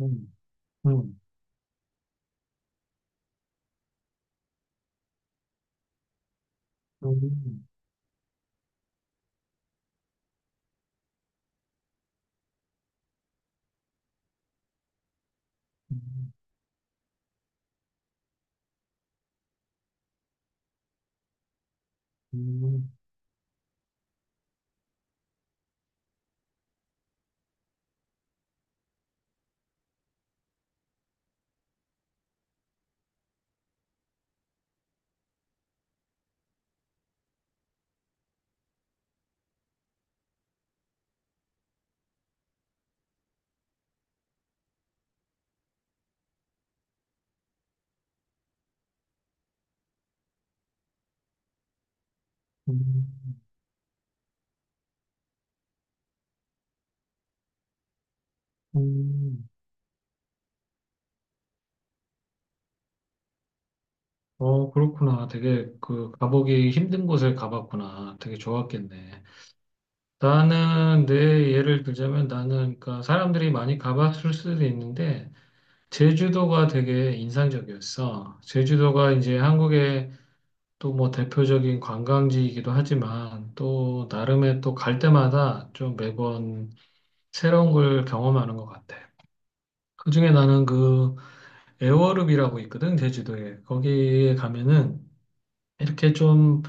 음, 음, 음, 음, 음, 음, 음. 음, 음. 어, 그렇구나. 되게 그 가보기 힘든 곳을 가봤구나. 되게 좋았겠네. 나는 내 예를 들자면 나는 그러니까 사람들이 많이 가봤을 수도 있는데 제주도가 되게 인상적이었어. 제주도가 이제 한국의 또 뭐 대표적인 관광지이기도 하지만 또 나름의 또 갈 때마다 좀 매번 새로운 걸 경험하는 것 같아. 그중에 나는 그 애월읍이라고 있거든, 제주도에. 거기에 가면은 이렇게 좀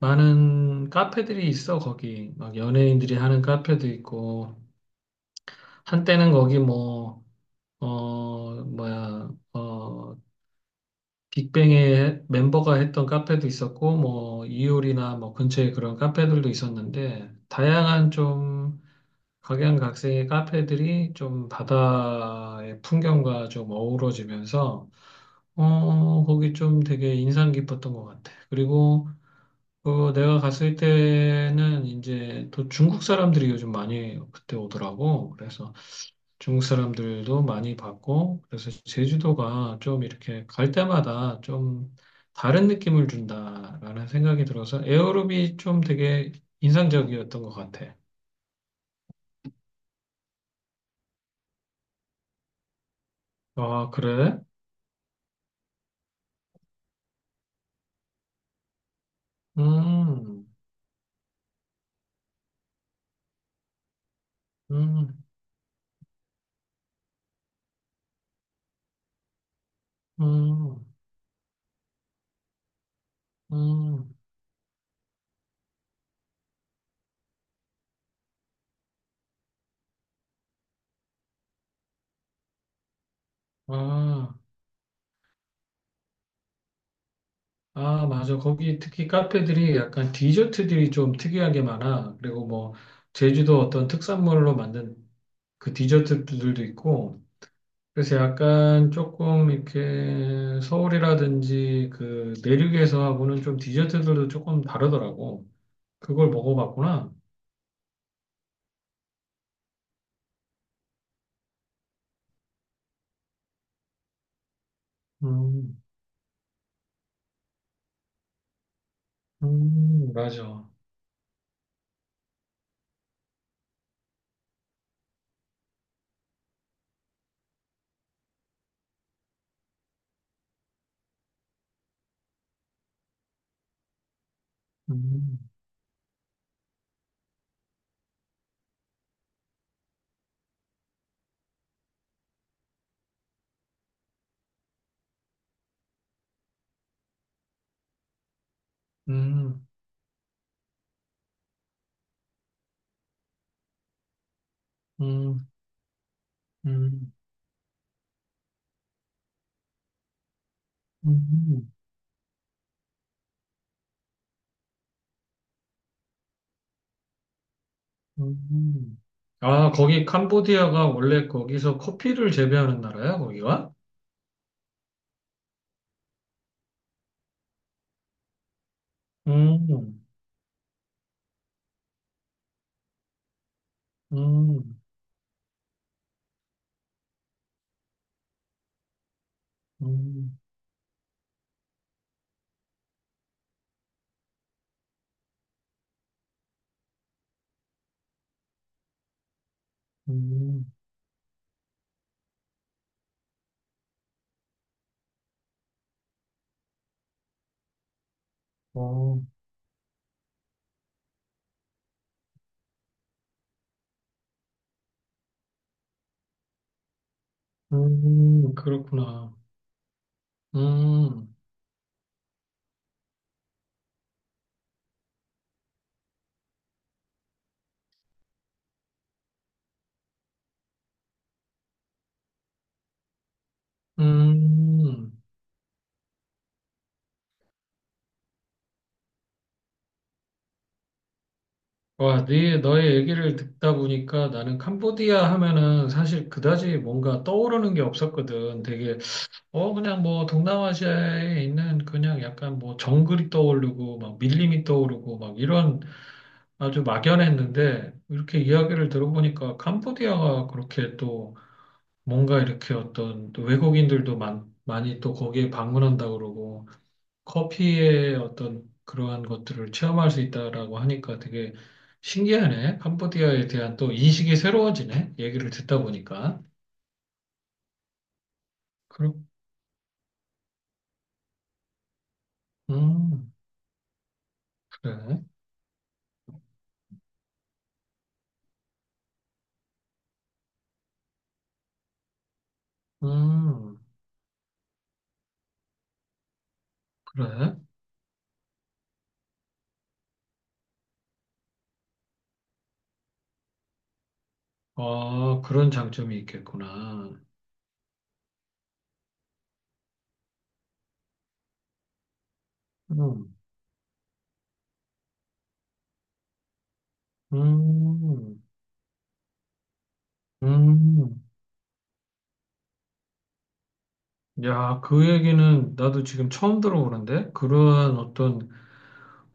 많은 카페들이 있어, 거기. 막 연예인들이 하는 카페도 있고, 한때는 거기 뭐, 뭐야, 빅뱅의 멤버가 했던 카페도 있었고, 뭐, 이효리나 뭐 근처에 그런 카페들도 있었는데, 다양한 좀 각양각색의 카페들이 좀 바다의 풍경과 좀 어우러지면서 거기 좀 되게 인상 깊었던 것 같아. 그리고 그 내가 갔을 때는 이제 또 중국 사람들이 요즘 많이 그때 오더라고. 그래서 중국 사람들도 많이 봤고, 그래서 제주도가 좀 이렇게 갈 때마다 좀 다른 느낌을 준다라는 생각이 들어서 에어로빅이 좀 되게 인상적이었던 것 같아. 아, 그래? 음, 음, 음, 음, 아. 아, 맞아. 거기 특히 카페들이 약간 디저트들이 좀 특이하게 많아. 그리고 뭐, 제주도 어떤 특산물로 만든 그 디저트들도 있고, 그래서 약간 조금 이렇게 서울이라든지 그 내륙에서하고는 좀 디저트들도 조금 다르더라고. 그걸 먹어봤구나. 음, 맞아. 음, 음, 음, 음, 음. 음. 아, 거기 캄보디아가 원래 거기서 커피를 재배하는 나라야, 거기가? 음, 음, 음, 음, 어, 그렇구나. 음, 음. 와, 네, 너의 얘기를 듣다 보니까 나는 캄보디아 하면은 사실 그다지 뭔가 떠오르는 게 없었거든. 되게, 그냥 뭐 동남아시아에 있는 그냥 약간 뭐 정글이 떠오르고 막 밀림이 떠오르고 막 이런 아주 막연했는데 이렇게 이야기를 들어보니까 캄보디아가 그렇게 또 뭔가 이렇게 어떤 또 외국인들도 많이 또 거기에 방문한다 그러고 커피의 어떤 그러한 것들을 체험할 수 있다라고 하니까 되게 신기하네. 캄보디아에 대한 또 인식이 새로워지네. 얘기를 듣다 보니까. 그렇, 음, 그래. 음, 그래. 아, 그런 장점이 있겠구나. 음, 음, 음. 야, 그 얘기는 나도 지금 처음 들어보는데? 그러한 어떤,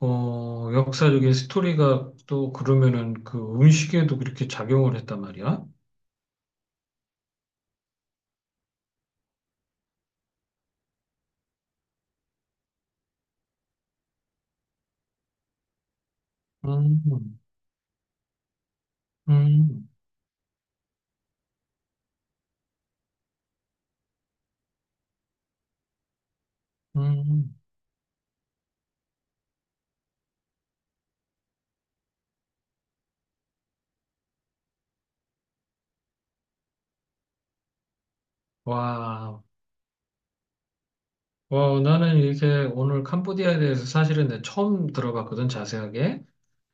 역사적인 스토리가 또 그러면은 그 음식에도 그렇게 작용을 했단 말이야? 음, 음, 음. 와, 와, 나는 이렇게 오늘 캄보디아에 대해서 사실은 내 처음 들어봤거든, 자세하게.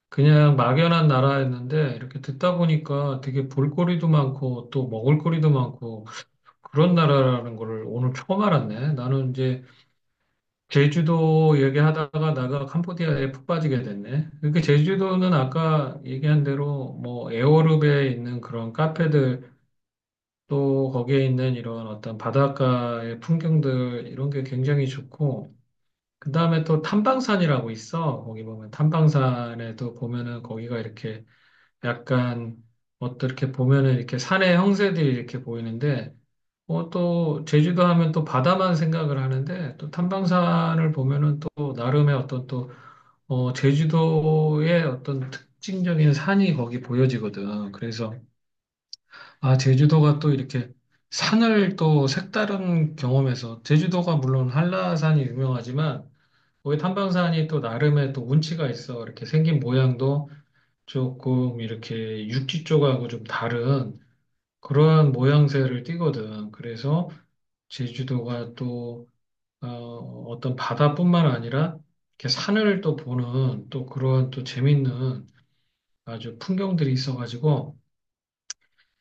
그냥 막연한 나라였는데 이렇게 듣다 보니까 되게 볼거리도 많고 또 먹을거리도 많고 그런 나라라는 거를 오늘 처음 알았네. 나는 이제 제주도 얘기하다가 나가 캄보디아에 푹 빠지게 됐네. 이렇게 제주도는 아까 얘기한 대로 뭐 에어룹에 있는 그런 카페들 또 거기에 있는 이런 어떤 바닷가의 풍경들 이런 게 굉장히 좋고 그다음에 또 탐방산이라고 있어. 거기 보면 탐방산에도 보면은 거기가 이렇게 약간 어떻게 보면은 이렇게 산의 형세들이 이렇게 보이는데 또 제주도 하면 또 바다만 생각을 하는데 또 탐방산을 보면은 또 나름의 어떤 또 제주도의 어떤 특징적인 산이 거기 보여지거든. 그래서 아, 제주도가 또 이렇게 산을 또 색다른 경험에서 제주도가 물론 한라산이 유명하지만 거기 탐방산이 또 나름의 또 운치가 있어. 이렇게 생긴 모양도 조금 이렇게 육지 쪽하고 좀 다른 그러한 모양새를 띠거든. 그래서 제주도가 또 떤 바다뿐만 아니라 이렇게 산을 또 보는 또 그러한 또 재밌는 아주 풍경들이 있어가지고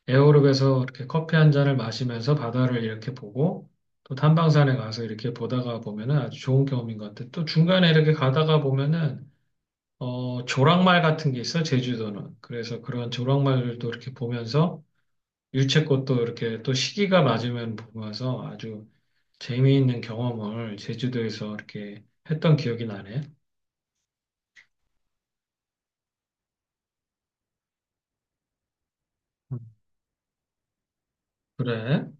에어로빅에서 이렇게 커피 한 잔을 마시면서 바다를 이렇게 보고 또 탐방산에 가서 이렇게 보다가 보면은 아주 좋은 경험인 것 같아. 또 중간에 이렇게 가다가 보면은 조랑말 같은 게 있어, 제주도는. 그래서 그런 조랑말들도 이렇게 보면서 유채꽃도 이렇게 또 시기가 맞으면 보면서 아주 재미있는 경험을 제주도에서 이렇게 했던 기억이 나네. 음, 그래?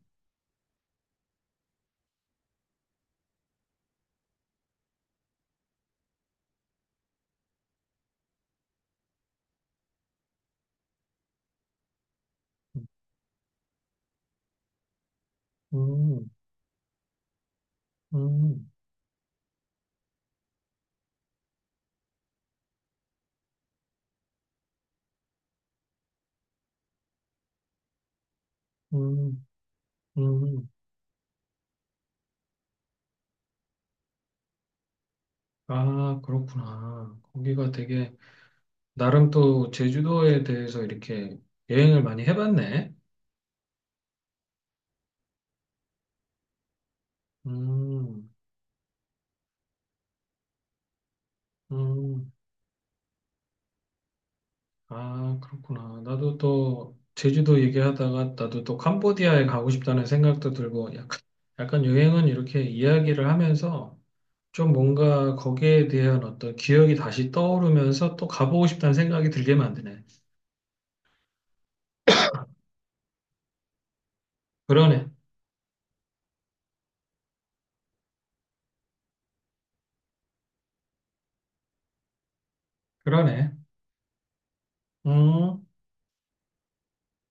음, 음, 음, 음. 아, 그렇구나. 거기가 되게, 나름 또 제주도에 대해서 이렇게 여행을 많이 해봤네. 음, 음. 아, 그렇구나. 나도 또 제주도 얘기하다가 나도 또 캄보디아에 가고 싶다는 생각도 들고 약간, 여행은 이렇게 이야기를 하면서 좀 뭔가 거기에 대한 어떤 기억이 다시 떠오르면서 또 가보고 싶다는 생각이 들게 만드네. 그러네. 그러네. 음.